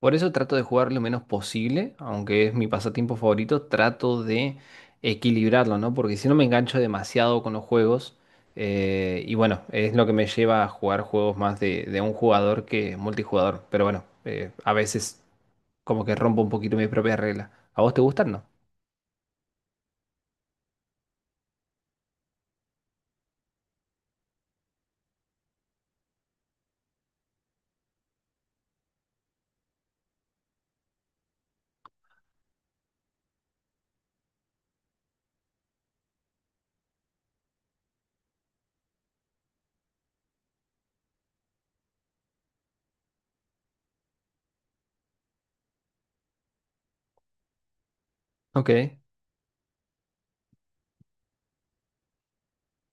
Por eso trato de jugar lo menos posible, aunque es mi pasatiempo favorito, trato de equilibrarlo, ¿no? Porque si no me engancho demasiado con los juegos, y bueno, es lo que me lleva a jugar juegos más de un jugador que multijugador. Pero bueno, a veces como que rompo un poquito mi propia regla. ¿A vos te gustan, no? Ok.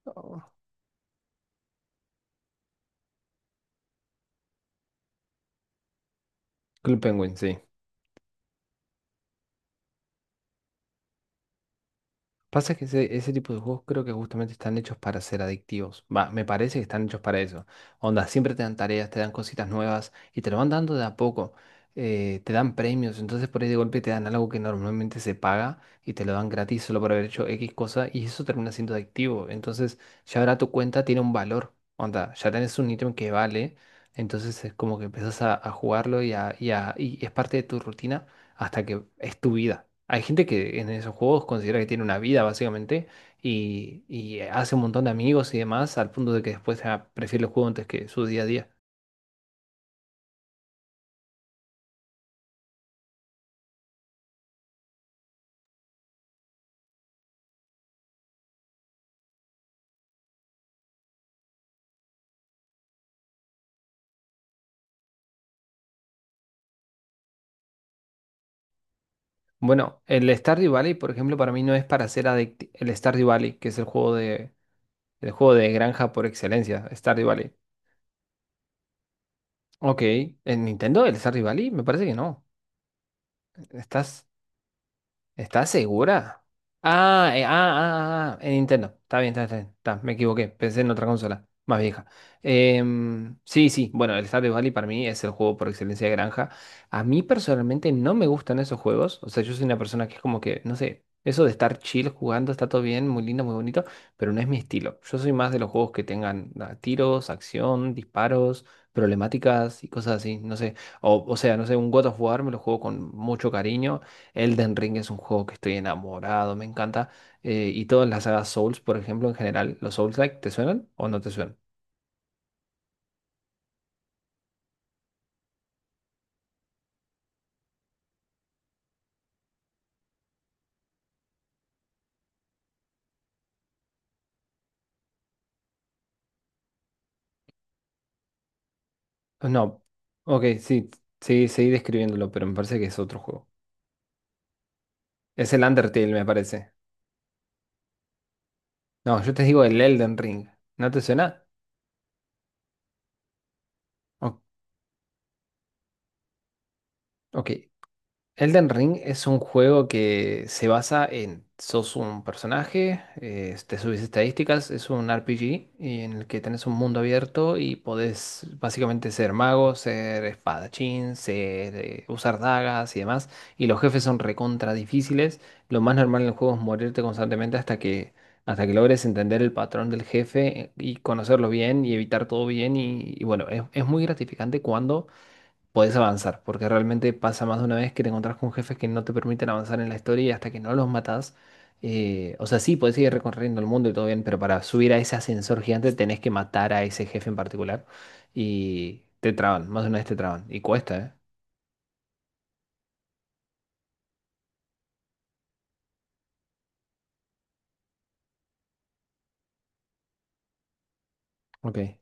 Oh, Club Penguin, sí. Pasa que ese tipo de juegos creo que justamente están hechos para ser adictivos. Va, me parece que están hechos para eso. Onda, siempre te dan tareas, te dan cositas nuevas y te lo van dando de a poco. Te dan premios, entonces por ahí de golpe te dan algo que normalmente se paga y te lo dan gratis solo por haber hecho X cosa y eso termina siendo adictivo. Entonces ya ahora tu cuenta tiene un valor. Onda, ya tenés un ítem que vale. Entonces es como que empezás a jugarlo y es parte de tu rutina hasta que es tu vida. Hay gente que en esos juegos considera que tiene una vida, básicamente, y hace un montón de amigos y demás, al punto de que después prefiere el juego antes que su día a día. Bueno, el Stardew Valley, por ejemplo, para mí no es para ser adictivo. El Stardew Valley, que es el el juego de granja por excelencia, Stardew Valley. Ok, en Nintendo el Stardew Valley me parece que no. Estás ¿Estás segura? En Nintendo. Está bien, está bien. Está, me equivoqué. Pensé en otra consola, más vieja. Sí, sí. Bueno, el Stardew Valley para mí es el juego por excelencia de granja. A mí personalmente no me gustan esos juegos. O sea, yo soy una persona que es como que, no sé, eso de estar chill jugando está todo bien, muy lindo, muy bonito, pero no es mi estilo. Yo soy más de los juegos que tengan tiros, acción, disparos, problemáticas y cosas así. No sé. O sea, no sé, un God of War me lo juego con mucho cariño. Elden Ring es un juego que estoy enamorado, me encanta. Y todas las sagas Souls, por ejemplo, en general, ¿los Souls-like te suenan o no te suenan? No. Ok, sí, seguí describiéndolo, pero me parece que es otro juego. Es el Undertale, me parece. No, yo te digo el Elden Ring. ¿No te suena? O- ok. Elden Ring es un juego que se basa en sos un personaje, te subís estadísticas, es un RPG y en el que tenés un mundo abierto y podés básicamente ser mago, ser espadachín, usar dagas y demás. Y los jefes son recontra difíciles. Lo más normal en el juego es morirte constantemente hasta que logres entender el patrón del jefe y conocerlo bien y evitar todo bien. Y bueno, es muy gratificante cuando podés avanzar, porque realmente pasa más de una vez que te encontrás con jefes que no te permiten avanzar en la historia y hasta que no los matás, o sea, sí, podés seguir recorriendo el mundo y todo bien, pero para subir a ese ascensor gigante tenés que matar a ese jefe en particular y te traban, más de una vez te traban y cuesta, ¿eh? Ok.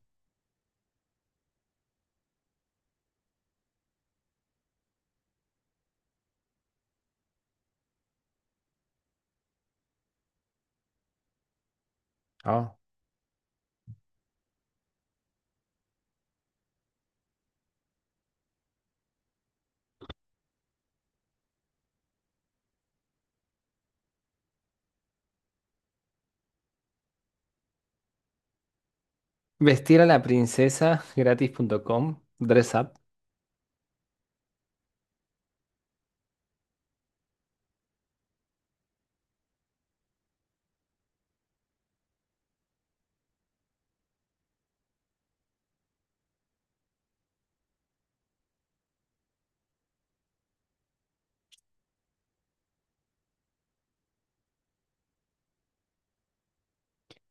Ah, Vestir a la princesa gratis.com, dress up.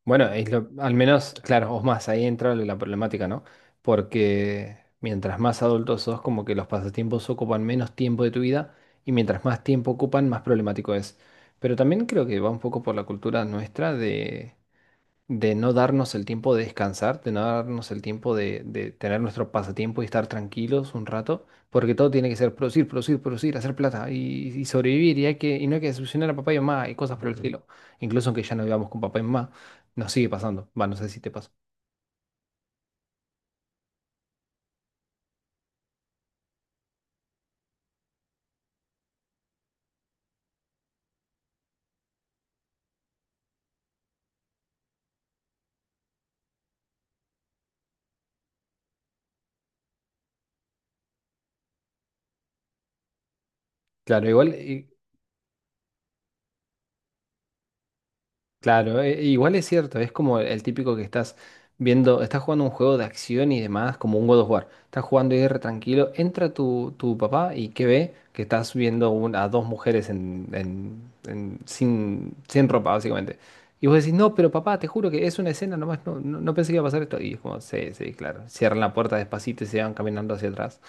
Bueno, al menos, claro, o más, ahí entra la problemática, ¿no? Porque mientras más adultos sos, como que los pasatiempos ocupan menos tiempo de tu vida y mientras más tiempo ocupan, más problemático es. Pero también creo que va un poco por la cultura nuestra de no darnos el tiempo de descansar, de no darnos el tiempo de tener nuestro pasatiempo y estar tranquilos un rato, porque todo tiene que ser producir, producir, producir, hacer plata y sobrevivir, y, hay que, y no hay que decepcionar a papá y mamá y cosas por el estilo. Incluso aunque ya no vivamos con papá y mamá, nos sigue pasando. Va, no sé si te pasa. Claro, igual. Claro, e igual es cierto, es como el típico que estás viendo, estás jugando un juego de acción y demás, como un God of War. Estás jugando y re tranquilo, entra tu papá y ¿qué ve? Que estás viendo a dos mujeres sin, sin ropa, básicamente. Y vos decís, no, pero papá, te juro que es una escena nomás, no pensé que iba a pasar esto. Y es como, sí, sí, claro. Cierran la puerta despacito y se van caminando hacia atrás.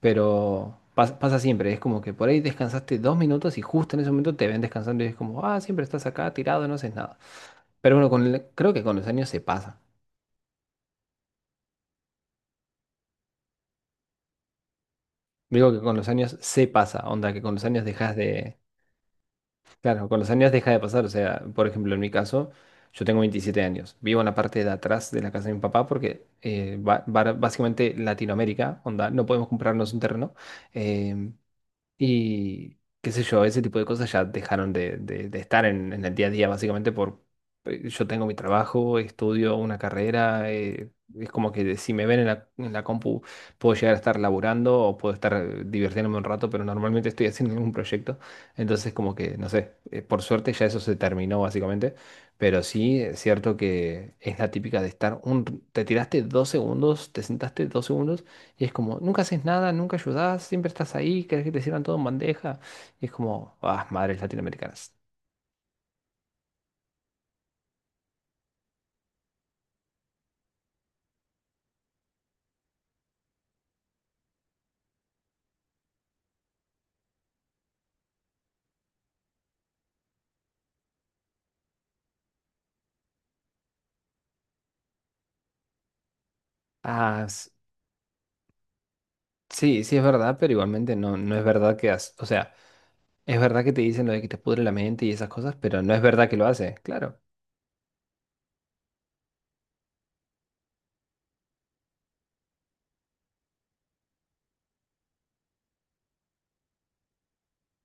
Pero pasa siempre, es como que por ahí descansaste 2 minutos y justo en ese momento te ven descansando y es como, ah, siempre estás acá tirado, no haces nada. Pero bueno, creo que con los años se pasa. Digo que con los años se pasa, onda, que con los años dejas de... Claro, con los años deja de pasar, o sea, por ejemplo, en mi caso, yo tengo 27 años, vivo en la parte de atrás de la casa de mi papá porque básicamente Latinoamérica, onda, no podemos comprarnos un terreno. eh, Y qué sé yo, ese tipo de cosas ya dejaron de estar en el día a día, básicamente por yo tengo mi trabajo, estudio una carrera, es como que si me ven en en la compu puedo llegar a estar laburando o puedo estar divirtiéndome un rato, pero normalmente estoy haciendo algún proyecto, entonces como que, no sé, por suerte ya eso se terminó básicamente, pero sí es cierto que es la típica de estar un, te tiraste 2 segundos, te sentaste 2 segundos y es como, nunca haces nada, nunca ayudás, siempre estás ahí, querés que te sirvan todo en bandeja. Y es como, ah, madres latinoamericanas. Ah, s- sí, sí es verdad, pero igualmente no, no es verdad que has, o sea, es verdad que te dicen lo de que te pudre la mente y esas cosas, pero no es verdad que lo hace, claro.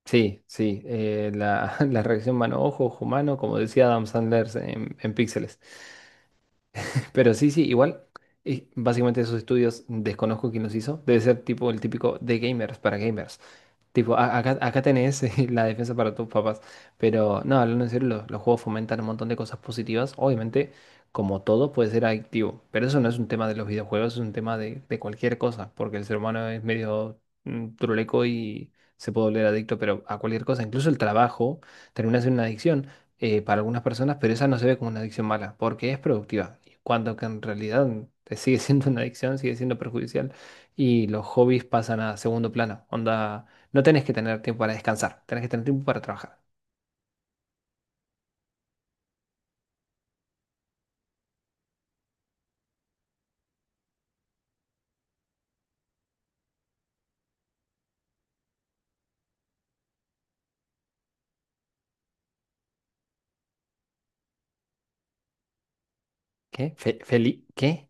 Sí, sí, la reacción mano-ojo, ojo-mano, como decía Adam Sandler en Píxeles. Pero sí, sí, igual, y básicamente esos estudios desconozco quién los hizo. Debe ser tipo el típico de gamers para gamers. Tipo, acá, acá tenés la defensa para tus papás. Pero no, hablando en serio, los juegos fomentan un montón de cosas positivas. Obviamente, como todo, puede ser adictivo. Pero eso no es un tema de los videojuegos, es un tema de cualquier cosa. Porque el ser humano es medio truleco y se puede volver adicto, pero a cualquier cosa. Incluso el trabajo termina siendo una adicción para algunas personas, pero esa no se ve como una adicción mala, porque es productiva, y cuando que en realidad te sigue siendo una adicción, sigue siendo perjudicial y los hobbies pasan a segundo plano. Onda, no tenés que tener tiempo para descansar, tenés que tener tiempo para trabajar. ¿Qué? ¿Feli? ¿Qué?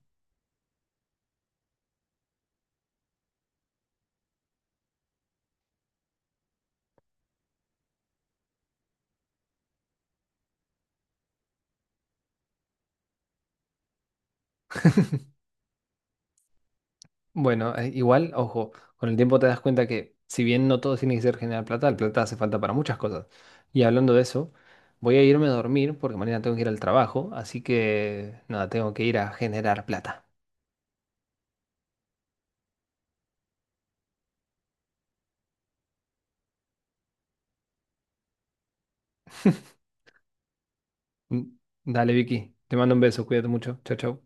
Bueno, igual, ojo, con el tiempo te das cuenta que si bien no todo tiene que ser generar plata, la plata hace falta para muchas cosas. Y hablando de eso, voy a irme a dormir porque mañana tengo que ir al trabajo, así que nada, tengo que ir a generar plata. Mm, dale, Vicky. Te mando un beso. Cuídate mucho. Chao, chao.